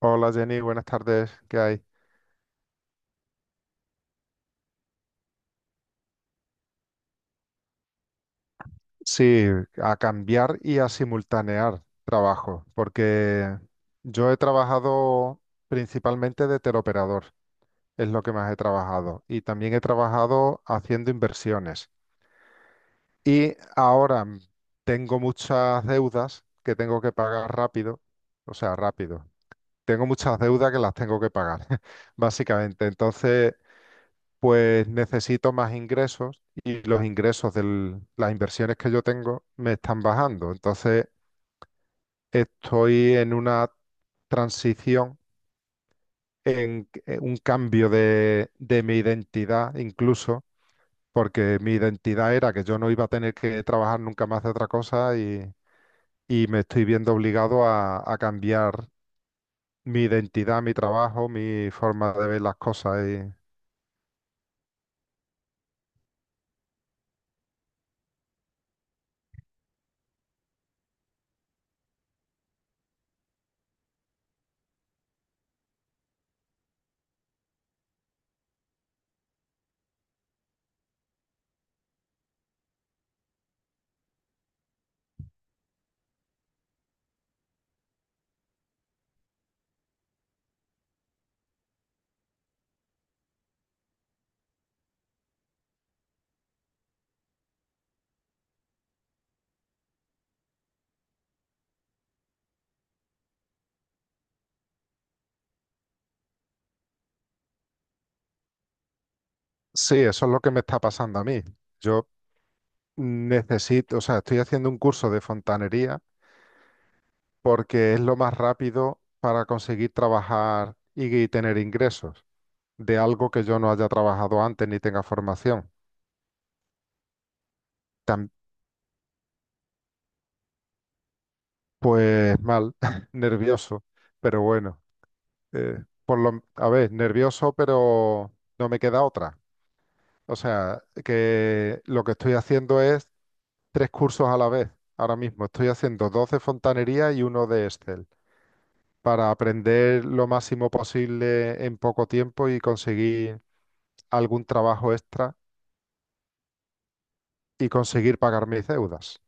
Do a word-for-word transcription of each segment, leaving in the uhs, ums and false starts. Hola Jenny, buenas tardes. ¿Qué hay? Sí, a cambiar y a simultanear trabajo, porque yo he trabajado principalmente de teleoperador, es lo que más he trabajado, y también he trabajado haciendo inversiones. Y ahora mm, tengo muchas deudas que tengo que pagar rápido, o sea, rápido. Tengo muchas deudas que las tengo que pagar, básicamente. Entonces, pues necesito más ingresos y los ingresos de las inversiones que yo tengo me están bajando. Entonces, estoy en una transición, en eh, un cambio de, de mi identidad incluso, porque mi identidad era que yo no iba a tener que trabajar nunca más de otra cosa y, y me estoy viendo obligado a, a cambiar mi identidad, mi trabajo, mi forma de ver las cosas. Y sí, eso es lo que me está pasando a mí. Yo Necesito, o sea, estoy haciendo un curso de fontanería porque es lo más rápido para conseguir trabajar y tener ingresos de algo que yo no haya trabajado antes ni tenga formación. Tam- pues mal, nervioso, pero bueno, eh, por lo, a ver, nervioso, pero no me queda otra. O sea, que lo que estoy haciendo es tres cursos a la vez. Ahora mismo estoy haciendo dos de fontanería y uno de Excel. Para aprender lo máximo posible en poco tiempo y conseguir algún trabajo extra y conseguir pagar mis deudas.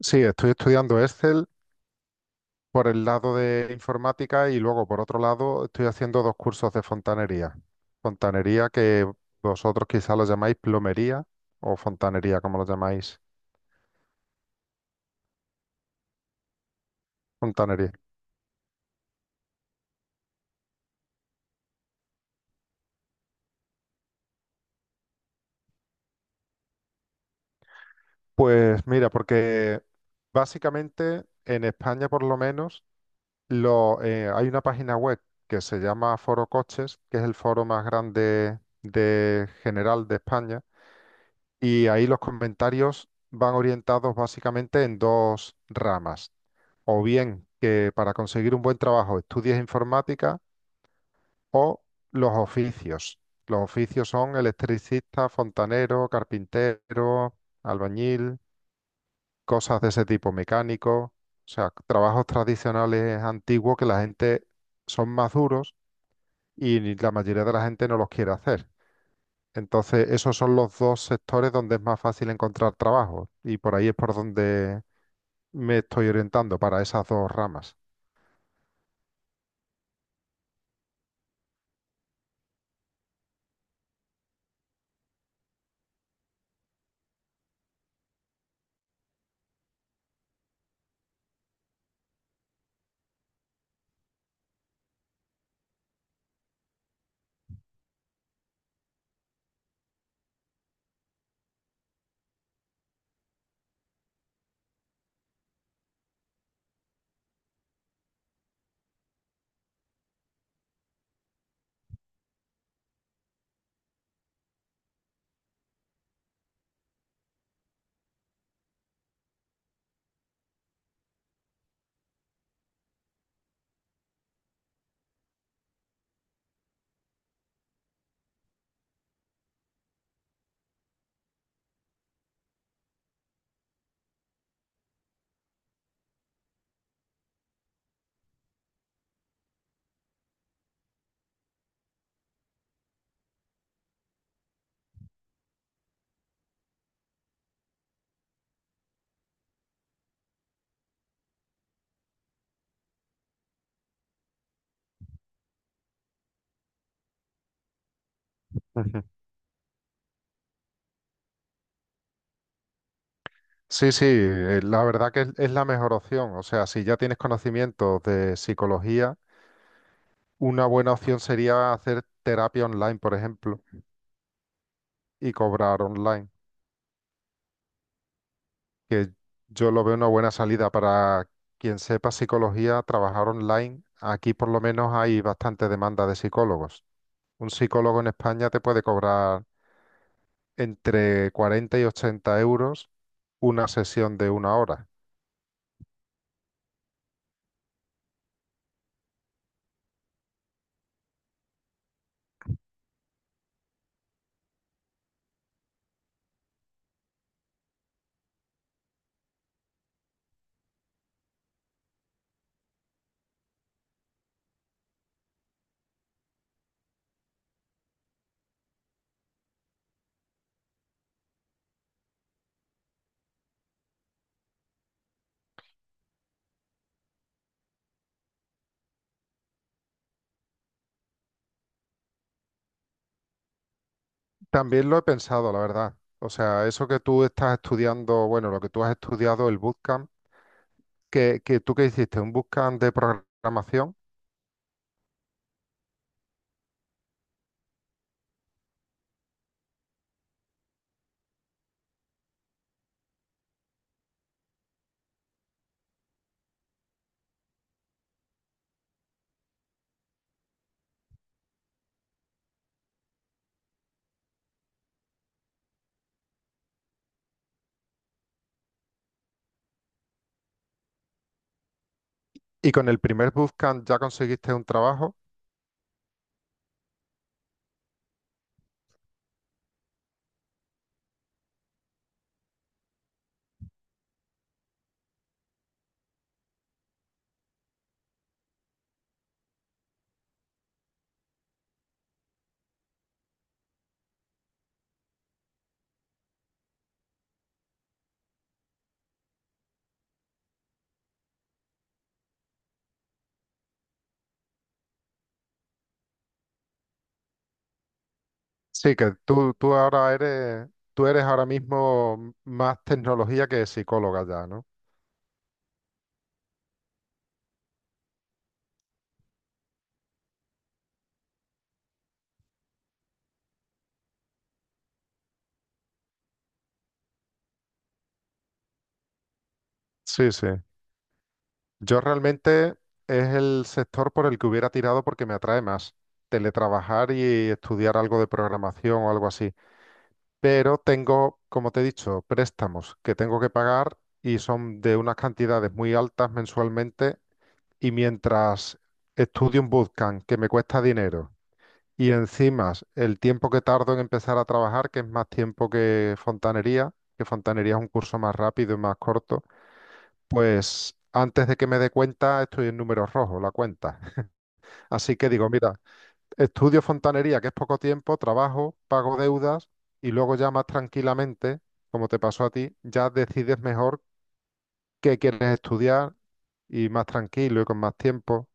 Sí, estoy estudiando Excel por el lado de informática y luego por otro lado estoy haciendo dos cursos de fontanería. Fontanería que vosotros quizá lo llamáis plomería o fontanería, como lo llamáis, fontanería. Pues mira, porque básicamente en España por lo menos Lo, eh, hay una página web que se llama Foro Coches, que es el foro más grande de general de España, y ahí los comentarios van orientados básicamente en dos ramas. O bien que para conseguir un buen trabajo estudies informática o los oficios. Los oficios son electricista, fontanero, carpintero, albañil, cosas de ese tipo, mecánico, o sea, trabajos tradicionales antiguos que la gente son más duros y la mayoría de la gente no los quiere hacer. Entonces, esos son los dos sectores donde es más fácil encontrar trabajo y por ahí es por donde me estoy orientando para esas dos ramas. Ujú. Sí, sí, eh, la verdad que es, es la mejor opción. O sea, si ya tienes conocimientos de psicología, una buena opción sería hacer terapia online, por ejemplo, y cobrar online, que yo lo veo una buena salida para quien sepa psicología, trabajar online. Aquí por lo menos hay bastante demanda de psicólogos. Un psicólogo en España te puede cobrar entre cuarenta y ochenta euros una sesión de una hora. También lo he pensado, la verdad. O sea, eso que tú estás estudiando, bueno, lo que tú has estudiado, el bootcamp, que, que tú que hiciste un bootcamp de programación y con el primer bootcamp ya conseguiste un trabajo. Sí, que tú, tú ahora eres, tú eres ahora mismo más tecnología que psicóloga ya, ¿no? Sí, sí. Yo realmente es el sector por el que hubiera tirado porque me atrae más teletrabajar y estudiar algo de programación o algo así. Pero tengo, como te he dicho, préstamos que tengo que pagar y son de unas cantidades muy altas mensualmente. Y mientras estudio un bootcamp que me cuesta dinero y encima el tiempo que tardo en empezar a trabajar, que es más tiempo que fontanería, que fontanería es un curso más rápido y más corto pues antes de que me dé cuenta, estoy en números rojos, la cuenta. Así que digo, mira, estudio fontanería, que es poco tiempo, trabajo, pago deudas y luego ya más tranquilamente, como te pasó a ti, ya decides mejor qué quieres estudiar y más tranquilo y con más tiempo.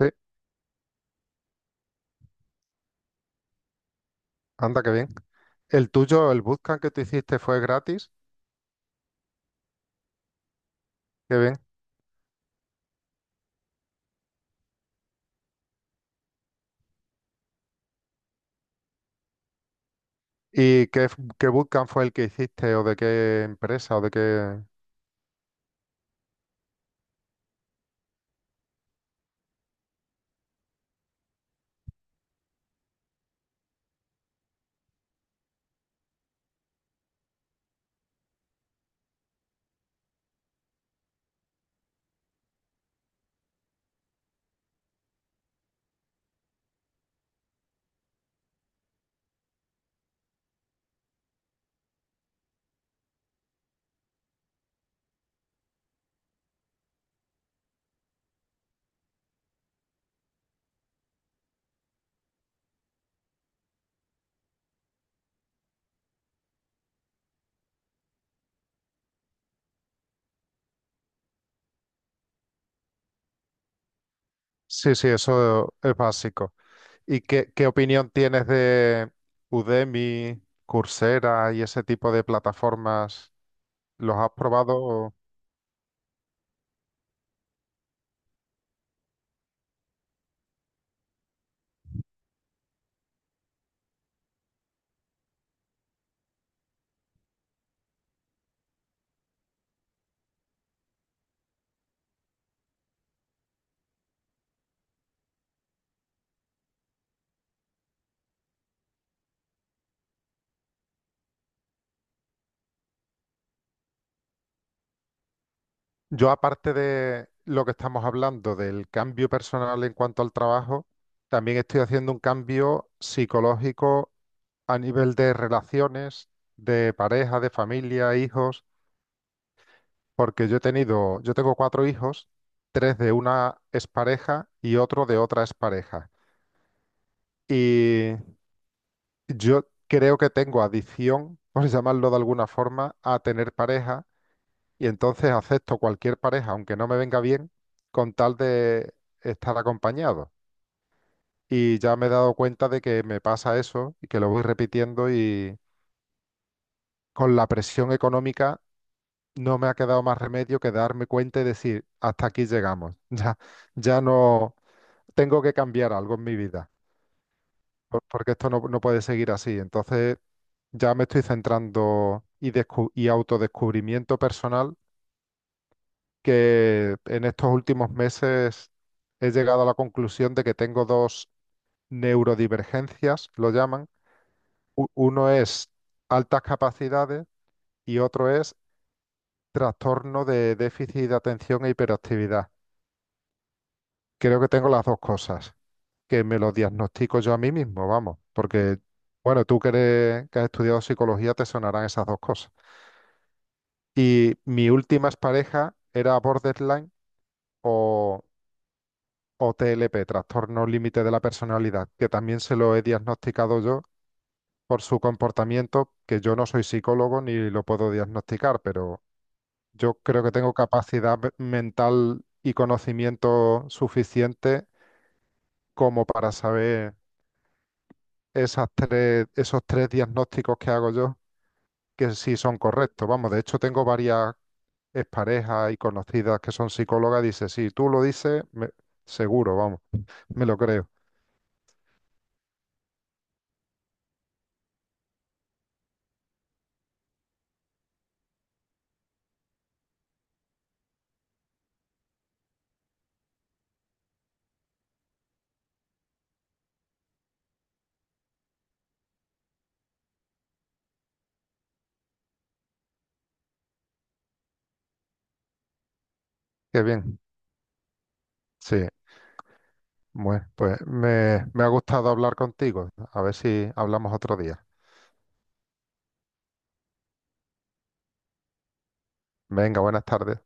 Sí, anda, qué bien. El tuyo, el bootcamp que tú hiciste fue gratis, qué bien. ¿Y qué, f- qué bootcamp fue el que hiciste o de qué empresa o de qué... Sí, sí, eso es básico. ¿Y qué, qué opinión tienes de Udemy, Coursera y ese tipo de plataformas? ¿Los has probado? Yo, aparte de lo que estamos hablando del cambio personal en cuanto al trabajo, también estoy haciendo un cambio psicológico a nivel de relaciones, de pareja, de familia, hijos, porque yo he tenido, yo tengo cuatro hijos, tres de una expareja y otro de otra expareja. Y Yo creo que tengo adicción, por llamarlo de alguna forma, a tener pareja y entonces acepto cualquier pareja, aunque no me venga bien, con tal de estar acompañado. Y ya me he dado cuenta de que me pasa eso y que lo voy repitiendo y con la presión económica no me ha quedado más remedio que darme cuenta y decir, hasta aquí llegamos. Ya, ya no tengo que cambiar algo en mi vida, por- porque esto no, no puede seguir así. Entonces ya me estoy centrando y, descu- y autodescubrimiento personal, que en estos últimos meses he llegado a la conclusión de que tengo dos neurodivergencias, lo llaman. U- uno es altas capacidades y otro es trastorno de déficit de atención e hiperactividad. Creo que tengo las dos cosas, que me lo diagnostico yo a mí mismo, vamos, porque, bueno, tú que eres- que has estudiado psicología, te sonarán esas dos cosas. Y mi última pareja era borderline o, o T L P, trastorno límite de la personalidad, que también se lo he diagnosticado yo por su comportamiento, que yo no soy psicólogo ni lo puedo diagnosticar, pero yo creo que tengo capacidad ve- mental y conocimiento suficiente como para saber esas tres, esos tres diagnósticos que hago yo, que sí son correctos. Vamos, de hecho tengo varias es pareja y conocidas que son psicólogas, dice, sí. Tú lo dices, me- seguro, vamos, me, lo creo. Qué bien. Sí, bueno, pues me, me ha gustado hablar contigo. A ver si hablamos otro día. Venga, buenas tardes.